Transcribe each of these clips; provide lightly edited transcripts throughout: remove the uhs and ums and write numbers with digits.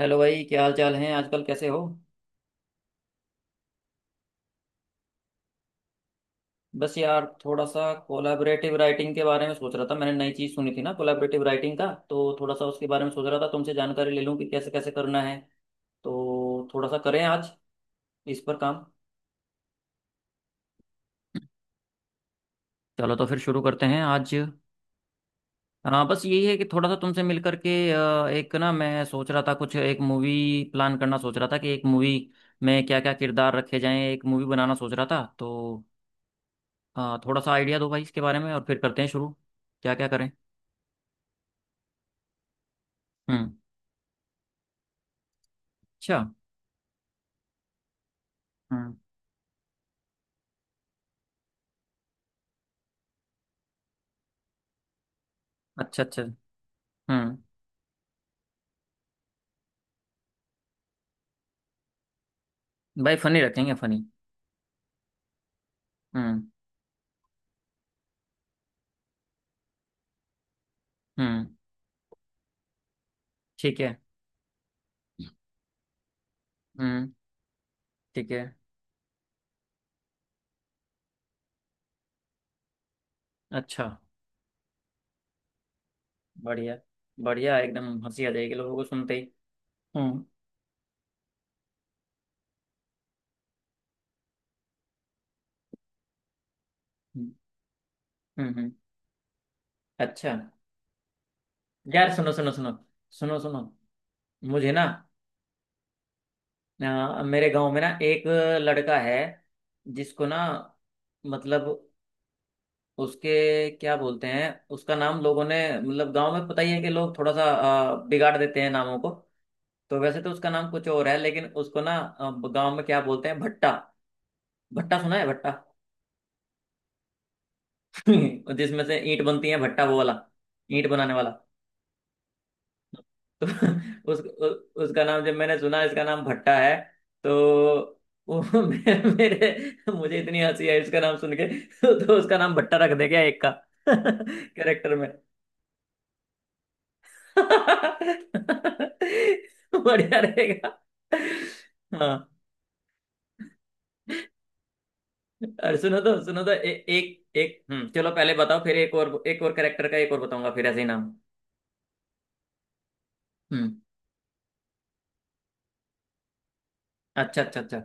Hello भाई, क्या हाल चाल है? आजकल कैसे हो? बस यार, थोड़ा सा कोलाबरेटिव राइटिंग के बारे में सोच रहा था। मैंने नई चीज़ सुनी थी ना कोलाबरेटिव राइटिंग का, तो थोड़ा सा उसके बारे में सोच रहा था तुमसे जानकारी ले लूँ कि कैसे कैसे करना है। तो थोड़ा सा करें आज इस पर काम। चलो तो फिर शुरू करते हैं आज। हाँ, बस यही है कि थोड़ा सा तुमसे मिल करके एक ना मैं सोच रहा था कुछ एक मूवी प्लान करना। सोच रहा था कि एक मूवी में क्या क्या किरदार रखे जाएं, एक मूवी बनाना सोच रहा था। तो हाँ, थोड़ा सा आइडिया दो भाई इसके बारे में और फिर करते हैं शुरू। क्या क्या करें? हम्म। अच्छा। हम्म। अच्छा अच्छा। हम्म। भाई फनी रखेंगे, फनी। हम्म। हम्म। ठीक है। हम्म। ठीक है। अच्छा। बढ़िया। बढ़िया, एकदम हंसी आ जाएगी लोगों को सुनते ही। हम्म। हम्म। हम्म। हम्म। अच्छा। यार सुनो सुनो सुनो। सुनो सुनो। मुझे ना मेरे गांव में ना एक लड़का है जिसको ना, मतलब उसके क्या बोलते हैं, उसका नाम लोगों ने, मतलब गांव में पता ही है कि लोग थोड़ा सा बिगाड़ देते हैं नामों को। तो वैसे तो उसका नाम कुछ और है, लेकिन उसको ना गांव में क्या बोलते हैं, भट्टा। भट्टा, सुना है? भट्टा। जिसमें से ईंट बनती है, भट्टा वो वाला, ईंट बनाने वाला। तो उस उ, उसका नाम जब मैंने सुना, इसका नाम भट्टा है, तो वो मे- मेरे मुझे इतनी हंसी आई उसका नाम सुन के। तो उसका नाम भट्टा रख दे गया एक का कैरेक्टर में। बढ़िया रहेगा। हाँ, और सुनो तो, सुनो तो एक एक, हम्म, चलो पहले बताओ फिर एक और, एक और करेक्टर का एक और बताऊंगा फिर ऐसे ही नाम। हम्म। अच्छा अच्छा अच्छा।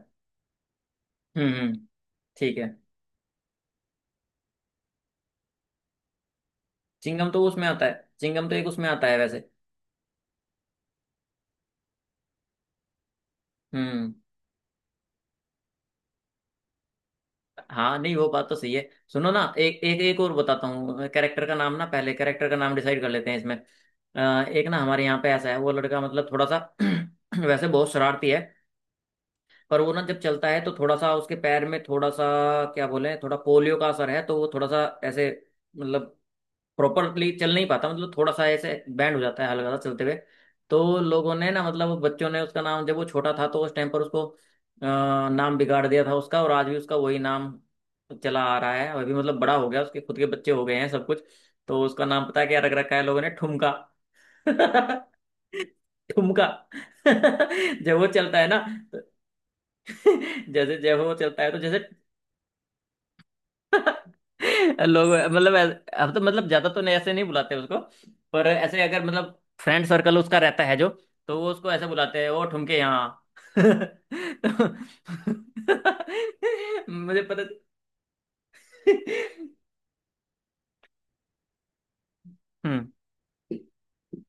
हम्म। हम्म। ठीक है। चिंगम तो उसमें आता है, चिंगम तो एक उसमें आता है वैसे। हम्म। हाँ नहीं, वो बात तो सही है। सुनो ना, एक एक एक और बताता हूँ कैरेक्टर का नाम ना, पहले कैरेक्टर का नाम डिसाइड कर लेते हैं इसमें। एक ना हमारे यहाँ पे ऐसा है, वो लड़का, मतलब थोड़ा सा वैसे बहुत शरारती है, पर वो ना जब चलता है तो थोड़ा सा उसके पैर में थोड़ा सा, क्या बोले, थोड़ा पोलियो का असर है, तो वो थोड़ा सा ऐसे, मतलब प्रॉपरली चल नहीं पाता, मतलब थोड़ा सा ऐसे बैंड हो जाता है हल्का सा चलते हुए। तो लोगों ने ना, मतलब बच्चों ने उसका नाम, जब वो छोटा था तो उस टाइम पर उसको नाम बिगाड़ दिया था उसका, और आज भी उसका वही नाम चला आ रहा है। अभी, मतलब बड़ा हो गया, उसके खुद के बच्चे हो गए हैं सब कुछ, तो उसका नाम पता है क्या रख रखा है लोगों ने? ठुमका। ठुमका। जब वो चलता है ना तो जैसे जब वो चलता है तो जैसे लोग, मतलब ऐसे- अब तो मतलब ज्यादा तो नहीं ऐसे नहीं बुलाते उसको, पर ऐसे अगर मतलब फ्रेंड सर्कल उसका रहता है जो, तो वो उसको ऐसे बुलाते हैं, वो ठुमके यहाँ तो मुझे पता। हम्म।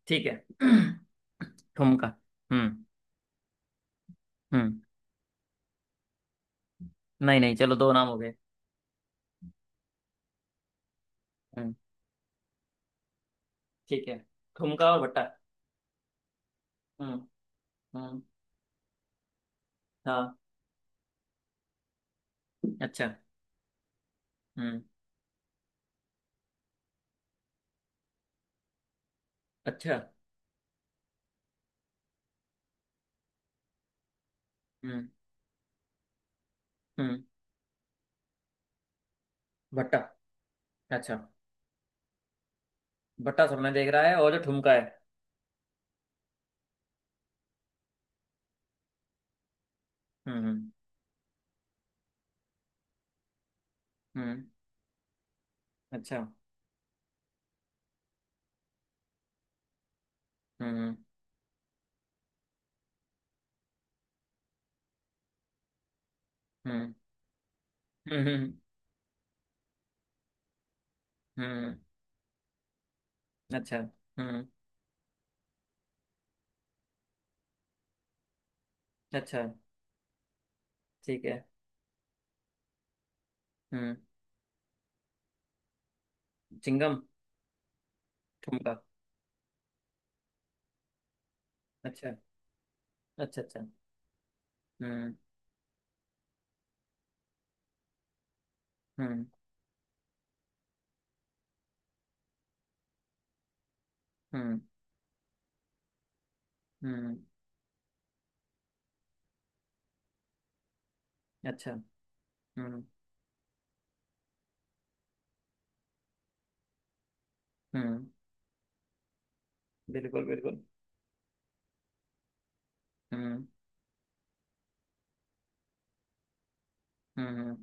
ठीक है। ठुमका। हम्म। हम्म। नहीं नहीं, चलो दो नाम हो गए। हम्म। ठीक है। ठुमका और भट्टा। हम्म। हम्म। हाँ। अच्छा। हम्म। अच्छा। हम्म। हम्म। भट्टा। अच्छा। भट्टा सबने देख रहा है, और जो ठुमका है। हम्म। हम्म। हम्म। अच्छा। हम्म। हम्म। हम्म। हम्म। हम्म। अच्छा। हम्म। अच्छा। ठीक है। हम्म। चिंगम। ठुमका। अच्छा अच्छा अच्छा। हम्म। हम्म। हम्म। हम्म। अच्छा। हम्म। हम्म। बिल्कुल बिल्कुल। हम्म। हम्म। हम्म।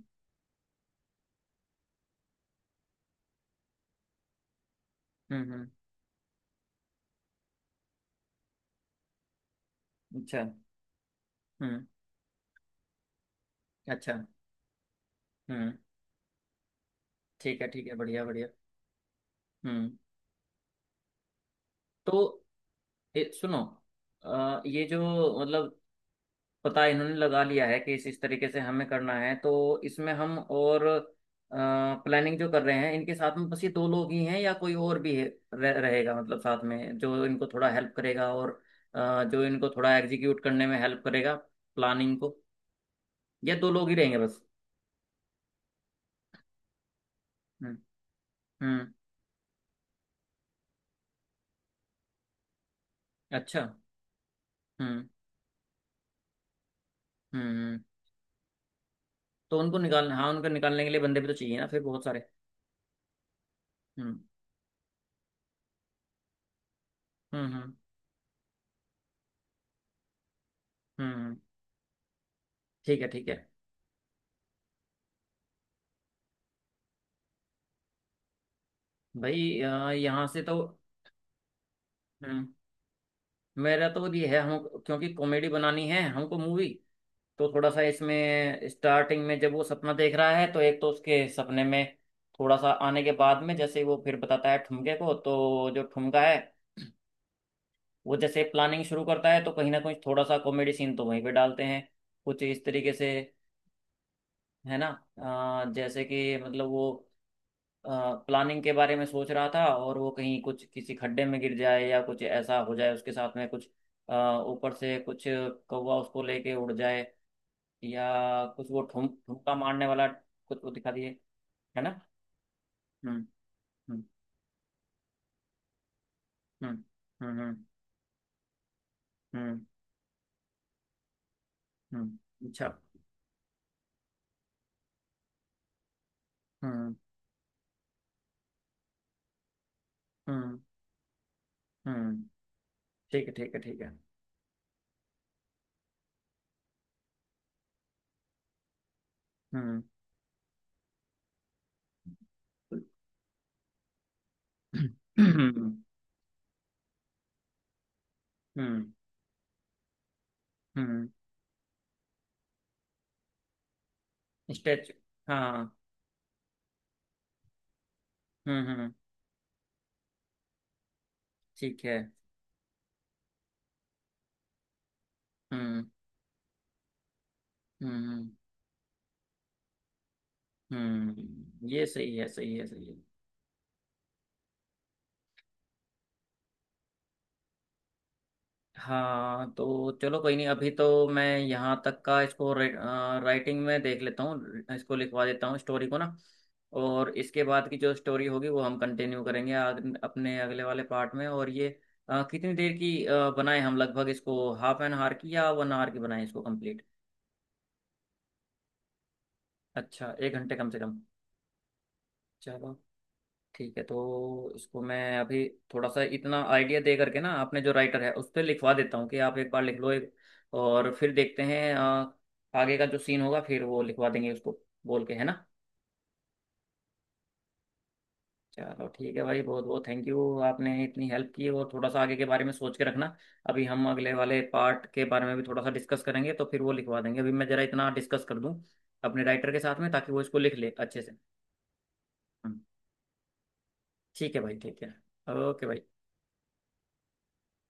हम्म। हम्म। अच्छा। हम्म। अच्छा। हम्म। ठीक है ठीक है। बढ़िया बढ़िया। हम्म। तो सुनो। ये जो, मतलब पता इन्होंने लगा लिया है कि इस तरीके से हमें करना है, तो इसमें हम और प्लानिंग जो कर रहे हैं, इनके साथ में बस ये दो लोग ही हैं या कोई और भी है, रहेगा, मतलब साथ में जो इनको थोड़ा हेल्प करेगा, और जो इनको थोड़ा एग्जीक्यूट करने में हेल्प करेगा प्लानिंग को, या दो लोग ही रहेंगे बस? हम्म। हम्म। अच्छा। हम्म। हम्म। हम्म। तो उनको निकालना, हाँ उनको निकालने के लिए बंदे भी तो चाहिए ना फिर बहुत सारे। हम्म। हम्म। हम्म। हम्म। हम्म। ठीक है ठीक है। भाई यहाँ से तो, हम्म, मेरा तो ये है, हम क्योंकि कॉमेडी बनानी है हमको मूवी, तो थोड़ा सा इसमें स्टार्टिंग में जब वो सपना देख रहा है तो एक तो उसके सपने में थोड़ा सा आने के बाद में जैसे वो फिर बताता है ठुमके को, तो जो ठुमका है वो जैसे प्लानिंग शुरू करता है तो कहीं ना कहीं थोड़ा सा कॉमेडी सीन तो वहीं पे डालते हैं कुछ इस तरीके से, है ना? जैसे कि मतलब वो प्लानिंग के बारे में सोच रहा था और वो कहीं कुछ किसी खड्डे में गिर जाए या कुछ ऐसा हो जाए उसके साथ में कुछ, ऊपर से कुछ कौवा उसको लेके उड़ जाए, या कुछ वो ठुमका मारने वाला कुछ वो दिखा दिए, है ना? हम्म। हम्म। हम्म। हम्म। हम्म। हम्म। हम्म। अच्छा। हम्म। हम्म। हम्म। ठीक है ठीक है ठीक है। हम्म। हम्म। हम्म। हम्म। स्टेच। हाँ। हम्म। हम्म। ठीक है। हम्म। हम्म। हम्म। ये सही है सही है सही है। हाँ तो चलो, कोई नहीं, अभी तो मैं यहाँ तक का इसको राइटिंग में देख लेता हूँ, इसको लिखवा देता हूँ स्टोरी को ना। और इसके बाद की जो स्टोरी होगी वो हम कंटिन्यू करेंगे अपने अगले वाले पार्ट में। और ये कितनी देर की बनाएं हम लगभग इसको, हाफ एन आवर की या वन आवर की बनाएं इसको कंप्लीट? अच्छा, 1 घंटे कम से कम। चलो ठीक है, तो इसको मैं अभी थोड़ा सा इतना आइडिया दे करके ना आपने जो राइटर है उस पर लिखवा देता हूँ कि आप एक बार लिख लो एक, और फिर देखते हैं आगे का जो सीन होगा फिर वो लिखवा देंगे उसको बोल के, है ना? चलो ठीक है भाई, बहुत बहुत थैंक यू, आपने इतनी हेल्प की। और थोड़ा सा आगे के बारे में सोच के रखना, अभी हम अगले वाले पार्ट के बारे में भी थोड़ा सा डिस्कस करेंगे, तो फिर वो लिखवा देंगे। अभी मैं जरा इतना डिस्कस कर दूँ अपने राइटर के साथ में, ताकि वो इसको लिख ले अच्छे से। हम्म। ठीक है भाई ठीक है। ओके भाई।